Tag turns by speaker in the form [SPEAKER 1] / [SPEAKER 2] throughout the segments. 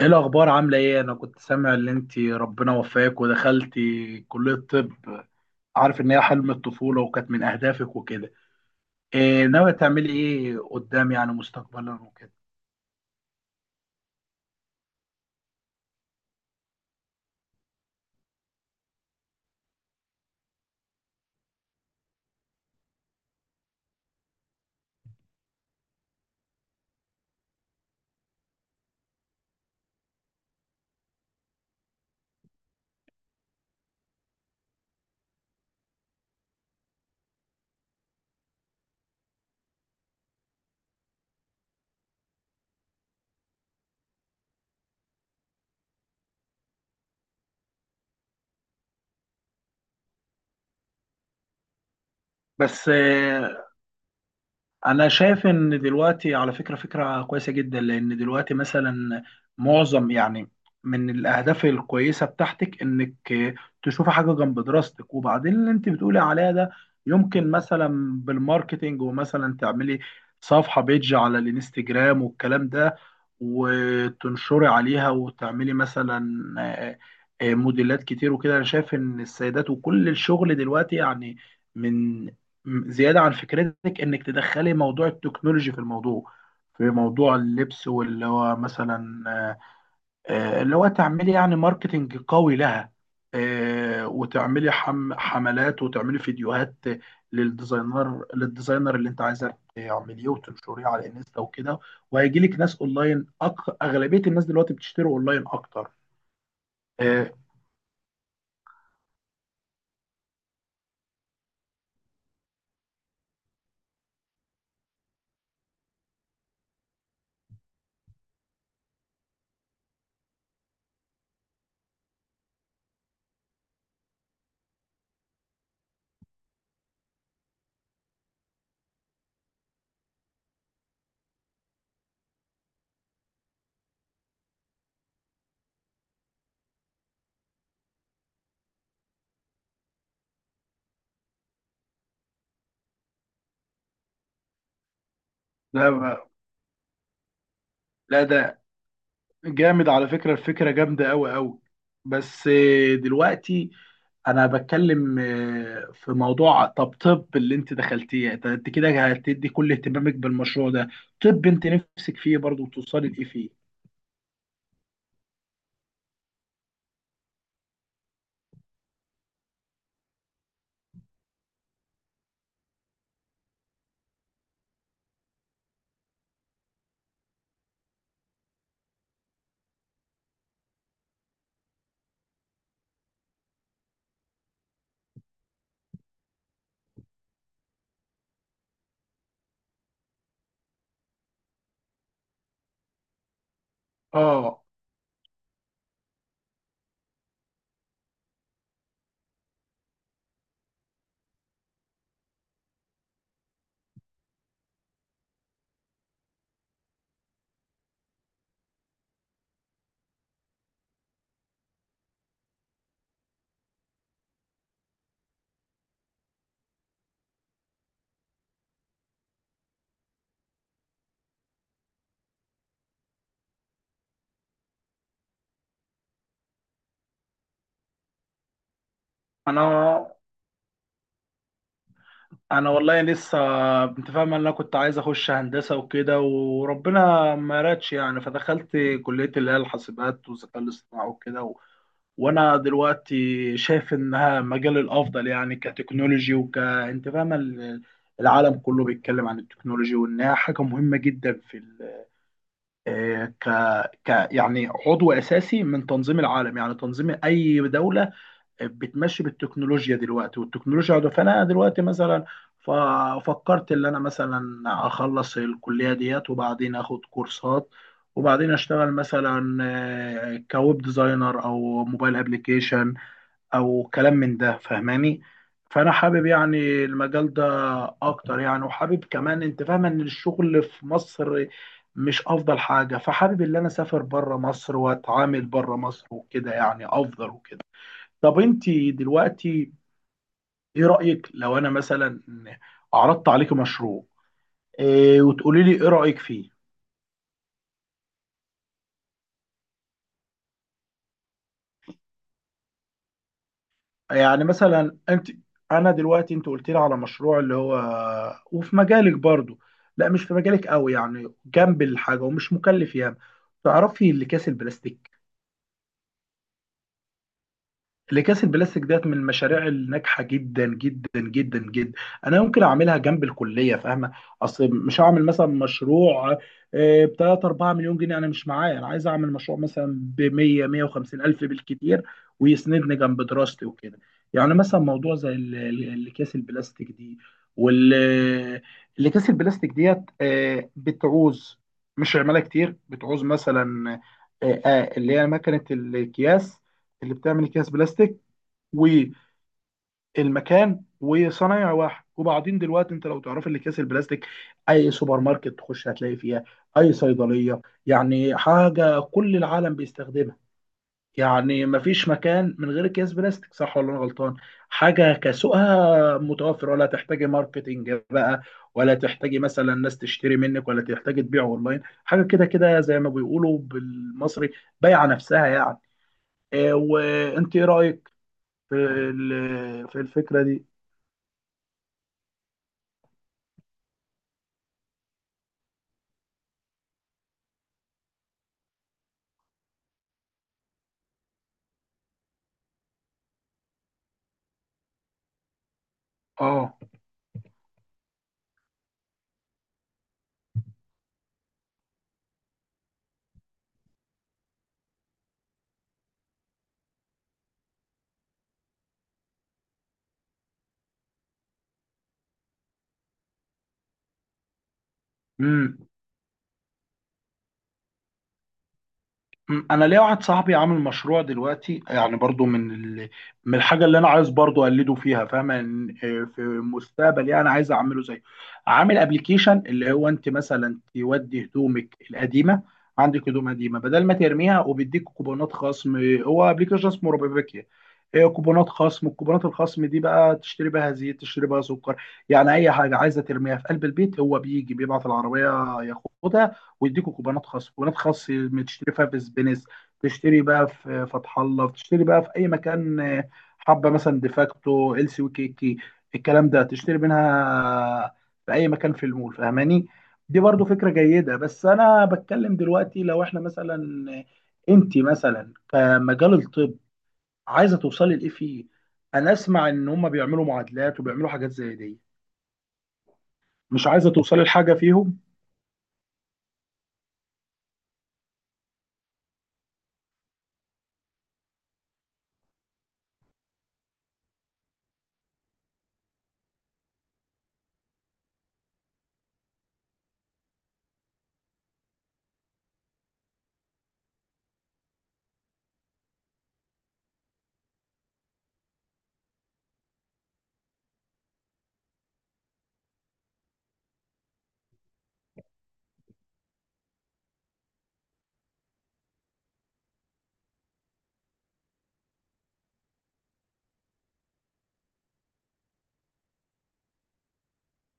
[SPEAKER 1] ايه الاخبار؟ عامله ايه؟ انا كنت سامع ان انت ربنا وفاك ودخلتي كليه طب، عارف ان هي حلم الطفوله وكانت من اهدافك وكده. إيه ناويه تعملي ايه قدام، يعني مستقبلا وكده؟ بس إيه؟ انا شايف ان دلوقتي، على فكره، فكره كويسه جدا. لان دلوقتي مثلا معظم، يعني، من الاهداف الكويسه بتاعتك انك تشوفي حاجه جنب دراستك، وبعدين اللي انت بتقولي عليها ده يمكن مثلا بالماركتينج، ومثلا تعملي صفحه بيج على الانستجرام والكلام ده، وتنشري عليها وتعملي مثلا آه، موديلات كتير وكده. انا شايف ان السيدات وكل الشغل دلوقتي، يعني، من زيادة عن فكرتك انك تدخلي موضوع التكنولوجي في موضوع اللبس، واللي هو مثلا آه، آه، اللي هو تعملي، يعني، ماركتينج قوي لها. وتعملي حملات وتعملي فيديوهات للديزاينر اللي انت عايزه تعمليه وتنشريه على انستا وكده. وهيجي لك ناس اونلاين. اغلبيه الناس دلوقتي بتشتري اونلاين اكتر. آه، لا ب- لا، ده جامد على فكره، الفكره جامده قوي قوي. بس دلوقتي انا بتكلم، في موضوع طب اللي انت دخلتيه ده. انت كده هتدي كل اهتمامك بالمشروع ده؟ طب انت نفسك فيه برضه توصلي لايه فيه؟ اه. انا انا والله لسه. انت فاهم، انا كنت عايز اخش هندسه وكده وربنا ما رادش، يعني، فدخلت كليه اللي هي الحاسبات والذكاء الاصطناعي وكده. وانا دلوقتي شايف انها مجال الافضل، يعني، كتكنولوجي، وك انت فاهمه، العالم كله بيتكلم عن التكنولوجي وانها حاجه مهمه جدا في ال... آه، ك... ك، يعني، عضو اساسي من تنظيم العالم، يعني تنظيم اي دوله بتمشي بالتكنولوجيا دلوقتي، والتكنولوجيا عضو. فانا دلوقتي مثلا ففكرت ان انا مثلا اخلص الكليه ديت، وبعدين اخد كورسات، وبعدين اشتغل مثلا كويب ديزاينر او موبايل ابلكيشن او كلام من ده، فاهماني؟ فانا حابب، يعني، المجال ده اكتر يعني. وحابب كمان، انت فاهمه ان الشغل في مصر مش افضل حاجه، فحابب ان انا اسافر بره مصر واتعامل بره مصر وكده، يعني افضل وكده. طب انت دلوقتي، ايه رايك لو انا مثلا عرضت عليك مشروع إيه، وتقولي لي ايه رايك فيه؟ يعني مثلا انت انا دلوقتي انت قلت لي على مشروع اللي هو، وفي مجالك برضو، لا مش في مجالك قوي، يعني جنب الحاجه ومش مكلف ياما. تعرفي الاكياس البلاستيك؟ الاكياس البلاستيك ديت من المشاريع الناجحه جدا جدا جدا جدا. انا ممكن اعملها جنب الكليه، فاهمه؟ اصل مش هعمل مثلا مشروع ب 3 4 مليون جنيه، انا مش معايا، انا عايز اعمل مشروع مثلا ب 100 150 الف بالكتير، ويسندني جنب دراستي وكده. يعني مثلا موضوع زي الاكياس البلاستيك دي. وال الاكياس البلاستيك ديت بتعوز، مش عماله كتير، بتعوز مثلا اللي هي مكنه الاكياس اللي بتعمل اكياس بلاستيك، والمكان وصنايع واحد. وبعدين دلوقتي انت لو تعرف الاكياس البلاستيك، اي سوبر ماركت تخش هتلاقي فيها، اي صيدليه، يعني حاجه كل العالم بيستخدمها. يعني مفيش مكان من غير اكياس بلاستيك، صح ولا انا غلطان؟ حاجه كسوقها متوفر، ولا تحتاجي ماركتينج بقى، ولا تحتاجي مثلا ناس تشتري منك، ولا تحتاجي تبيع اونلاين، حاجه كده كده زي ما بيقولوا بالمصري بايعه نفسها يعني. وانت ايه رايك في الفكره دي؟ اه. امم أمم. انا ليا واحد صاحبي عامل مشروع دلوقتي، يعني برضو، من الحاجه اللي انا عايز برضو اقلده فيها. فاهم، في المستقبل، يعني، انا عايز اعمله زيه. عامل ابلكيشن اللي هو انت مثلا تودي هدومك القديمه، عندك هدوم قديمه بدل ما ترميها، وبيديك كوبونات خصم. هو ابلكيشن اسمه روبابيكيا. آه، كوبونات خصم الكوبونات الخصم دي بقى تشتري بها زيت، تشتري بها سكر. يعني اي حاجه عايزه ترميها في قلب البيت، هو بيجي بيبعت العربيه ياخدها ويديكوا كوبونات خاص. تشتري فيها في سبينس، تشتري بقى في فتح الله، تشتري بقى في اي مكان. حبه مثلا ديفاكتو، ال سي، وكيكي، الكلام ده، تشتري منها في اي مكان في المول، فاهماني؟ دي برضو فكره جيده. بس انا بتكلم دلوقتي، لو احنا مثلا، انت مثلا كمجال الطب، عايزه توصلي لايه فيه؟ انا اسمع ان هم بيعملوا معادلات وبيعملوا حاجات زي دي، مش عايزه توصلي لحاجه فيهم؟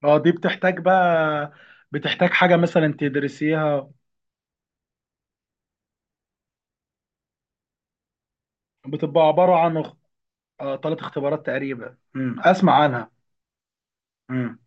[SPEAKER 1] اه، دي بتحتاج حاجة مثلا تدرسيها. بتبقى عبارة عن تلات اختبارات تقريبا. مم. أسمع عنها. مم.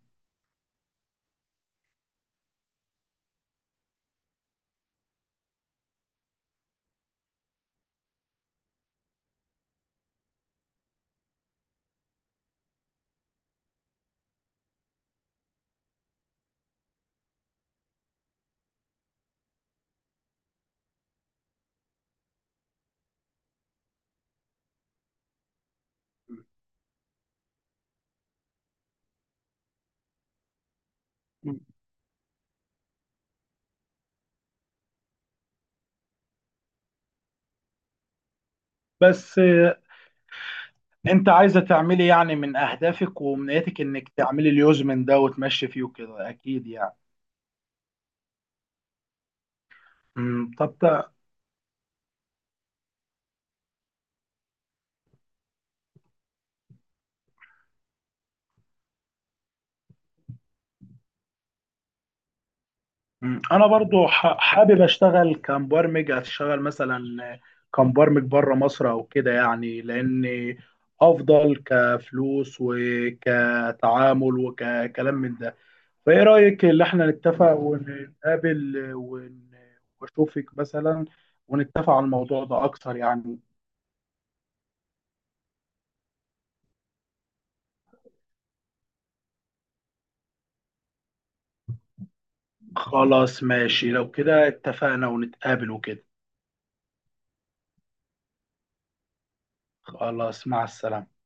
[SPEAKER 1] مم. بس أنت عايزة تعملي، يعني، من أهدافك وأمنياتك إنك تعملي اليوز من ده وتمشي فيه وكده أكيد يعني. مم. طب، مم. أنا برضو حابب أشتغل كمبرمج، أشتغل مثلا كمبرمج بره مصر أو كده، يعني، لأن أفضل كفلوس وكتعامل وككلام من ده. فايه رأيك اللي احنا نتفق ونقابل واشوفك مثلا، ونتفق على الموضوع ده اكتر يعني؟ خلاص، ماشي، لو كده اتفقنا ونتقابل وكده. خلاص، مع السلامة.